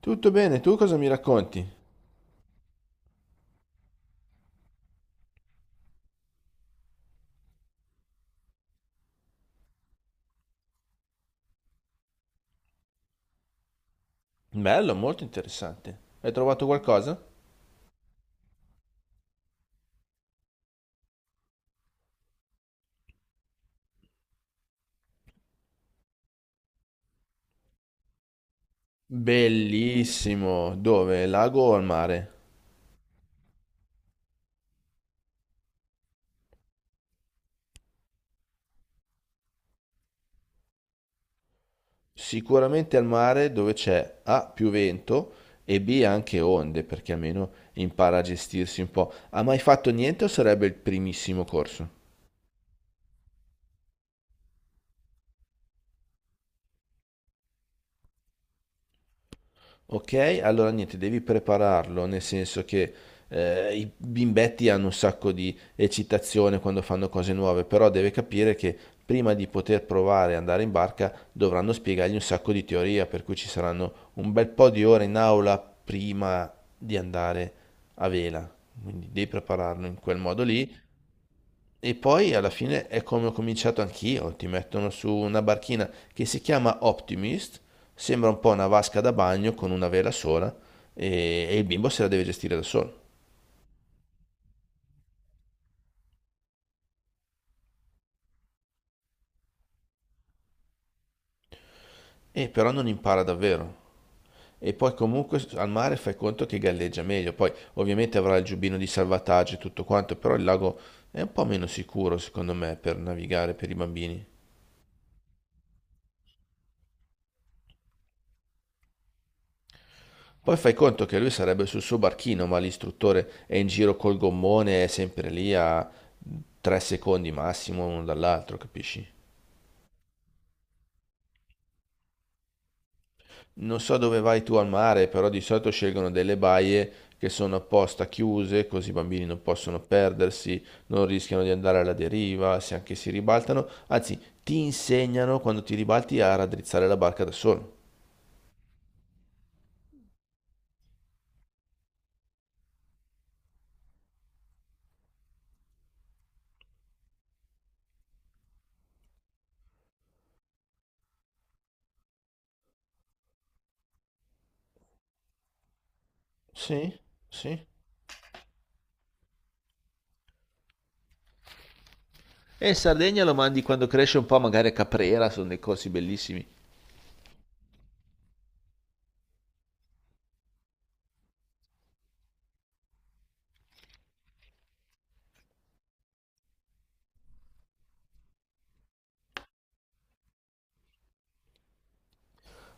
Tutto bene, tu cosa mi racconti? Bello, molto interessante. Hai trovato qualcosa? Bellissimo. Dove? Lago o al mare? Sicuramente al mare dove c'è A più vento e B anche onde, perché almeno impara a gestirsi un po'. Ha mai fatto niente o sarebbe il primissimo corso? Ok, allora niente, devi prepararlo, nel senso che i bimbetti hanno un sacco di eccitazione quando fanno cose nuove, però deve capire che prima di poter provare a andare in barca dovranno spiegargli un sacco di teoria, per cui ci saranno un bel po' di ore in aula prima di andare a vela. Quindi devi prepararlo in quel modo lì e poi alla fine è come ho cominciato anch'io, ti mettono su una barchina che si chiama Optimist, sembra un po' una vasca da bagno con una vela sola e, il bimbo se la deve gestire da solo. E però non impara davvero. E poi comunque al mare fai conto che galleggia meglio, poi ovviamente avrà il giubbino di salvataggio e tutto quanto, però il lago è un po' meno sicuro secondo me per navigare per i bambini. Poi fai conto che lui sarebbe sul suo barchino, ma l'istruttore è in giro col gommone, è sempre lì a tre secondi massimo uno dall'altro, capisci? Non so dove vai tu al mare, però di solito scelgono delle baie che sono apposta chiuse, così i bambini non possono perdersi, non rischiano di andare alla deriva, se anche si ribaltano, anzi, ti insegnano quando ti ribalti a raddrizzare la barca da solo. Sì, sì. E in Sardegna lo mandi quando cresce un po', magari a Caprera, sono dei corsi bellissimi.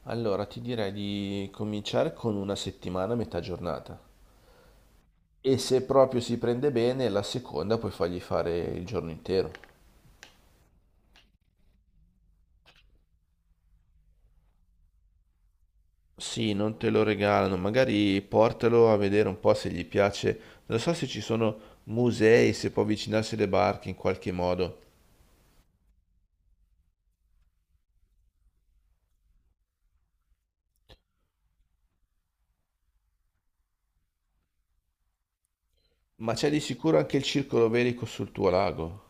Allora, ti direi di cominciare con una settimana a metà giornata e se proprio si prende bene, la seconda puoi fargli fare il giorno intero. Sì, non te lo regalano, magari portalo a vedere un po' se gli piace. Non so se ci sono musei, se può avvicinarsi alle barche in qualche modo, ma c'è di sicuro anche il circolo velico sul tuo lago.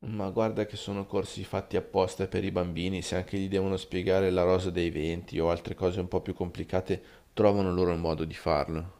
Ma guarda che sono corsi fatti apposta per i bambini, se anche gli devono spiegare la rosa dei venti o altre cose un po' più complicate, trovano loro il modo di farlo.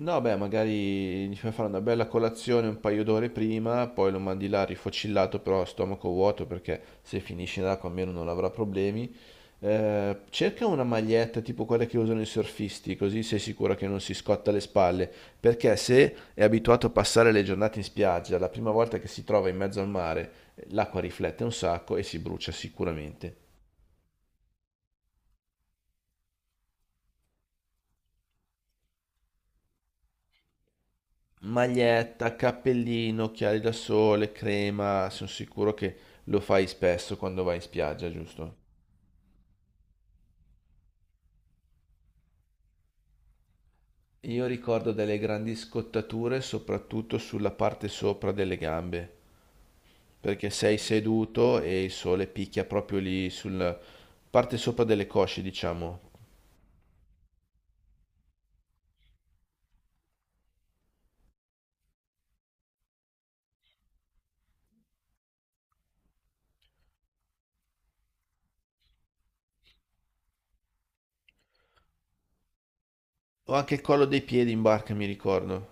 No, beh, magari gli fai fare una bella colazione un paio d'ore prima, poi lo mandi là rifocillato, però a stomaco vuoto, perché se finisce in acqua almeno non avrà problemi. Cerca una maglietta tipo quella che usano i surfisti, così sei sicuro che non si scotta le spalle, perché se è abituato a passare le giornate in spiaggia, la prima volta che si trova in mezzo al mare, l'acqua riflette un sacco e si brucia sicuramente. Maglietta, cappellino, occhiali da sole, crema, sono sicuro che lo fai spesso quando vai in spiaggia, giusto? Io ricordo delle grandi scottature soprattutto sulla parte sopra delle gambe, perché sei seduto e il sole picchia proprio lì sulla parte sopra delle cosce, diciamo. O anche il collo dei piedi in barca, mi ricordo.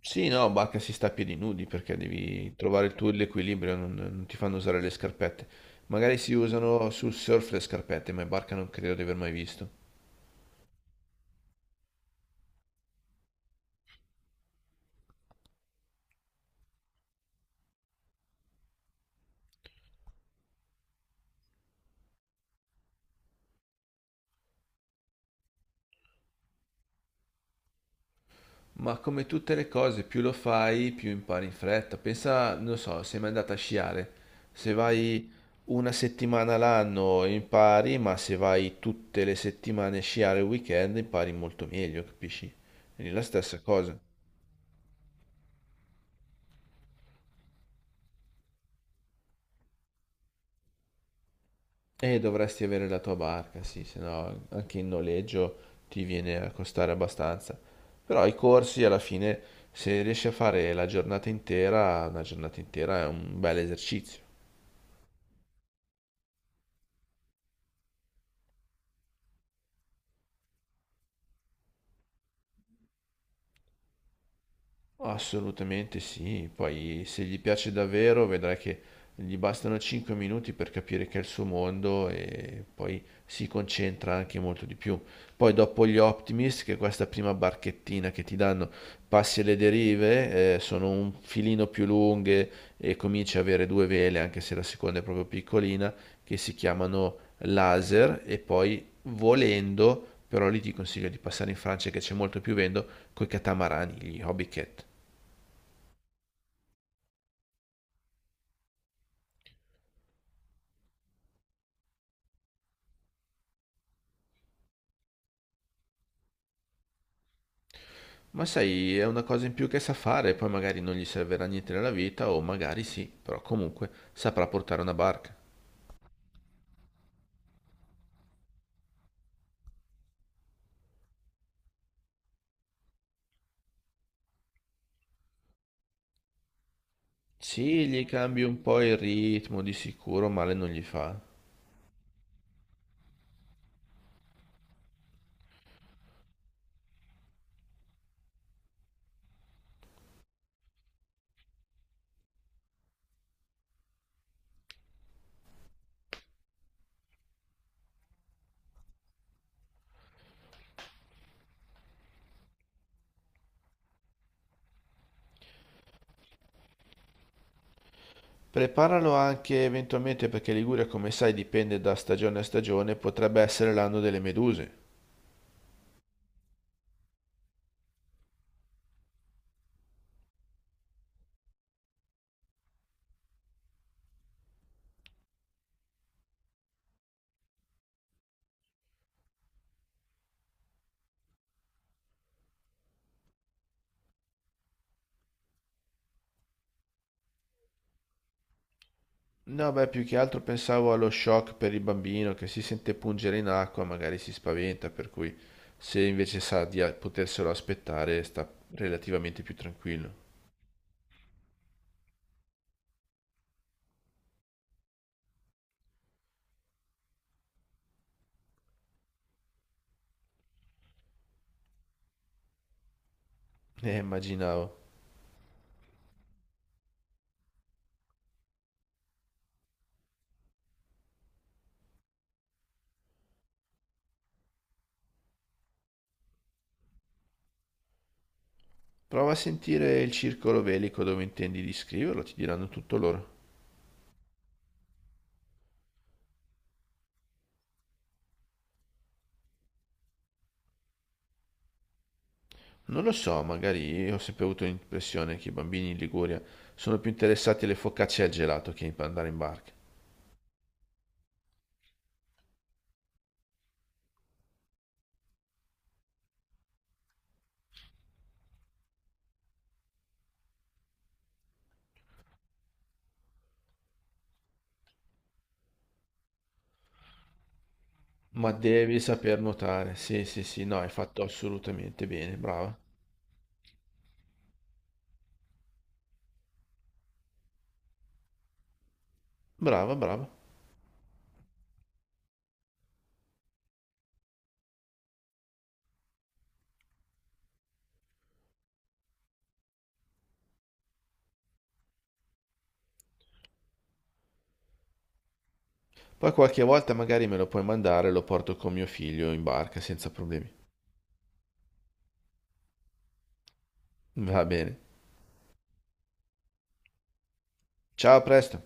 Sì, no, bacca si sta a piedi nudi perché devi trovare il tuo l'equilibrio, non ti fanno usare le scarpette. Magari si usano sul surf le scarpette, ma in barca non credo di aver mai visto. Ma come tutte le cose, più lo fai, più impari in fretta. Pensa, non so, sei mai andata a sciare. Se vai una settimana l'anno impari, ma se vai tutte le settimane a sciare il weekend impari molto meglio, capisci? È la stessa cosa. E dovresti avere la tua barca, sì, se no anche in noleggio ti viene a costare abbastanza. Però i corsi alla fine, se riesci a fare la giornata intera, una giornata intera è un bel esercizio. Assolutamente sì, poi se gli piace davvero vedrai che gli bastano 5 minuti per capire che è il suo mondo e poi si concentra anche molto di più. Poi dopo gli Optimist, che è questa prima barchettina che ti danno, passi alle derive, sono un filino più lunghe e cominci a avere due vele, anche se la seconda è proprio piccolina, che si chiamano laser e poi volendo, però lì ti consiglio di passare in Francia che c'è molto più vento, coi catamarani, gli hobby cat. Ma sai, è una cosa in più che sa fare, poi magari non gli servirà niente nella vita, o magari sì, però comunque saprà portare una barca. Sì, gli cambi un po' il ritmo, di sicuro male non gli fa. Preparalo anche eventualmente perché Liguria, come sai, dipende da stagione a stagione, potrebbe essere l'anno delle meduse. No, beh, più che altro pensavo allo shock per il bambino che si sente pungere in acqua, magari si spaventa, per cui se invece sa di poterselo aspettare, sta relativamente più tranquillo. Immaginavo. Prova a sentire il circolo velico dove intendi di scriverlo, ti diranno tutto loro. Non lo so, magari ho sempre avuto l'impressione che i bambini in Liguria sono più interessati alle focacce e al gelato che a andare in barca. Ma devi saper nuotare, sì, sì, sì, no, hai fatto assolutamente bene, brava, brava, brava. Poi qualche volta magari me lo puoi mandare e lo porto con mio figlio in barca senza problemi. Va bene. Ciao, a presto.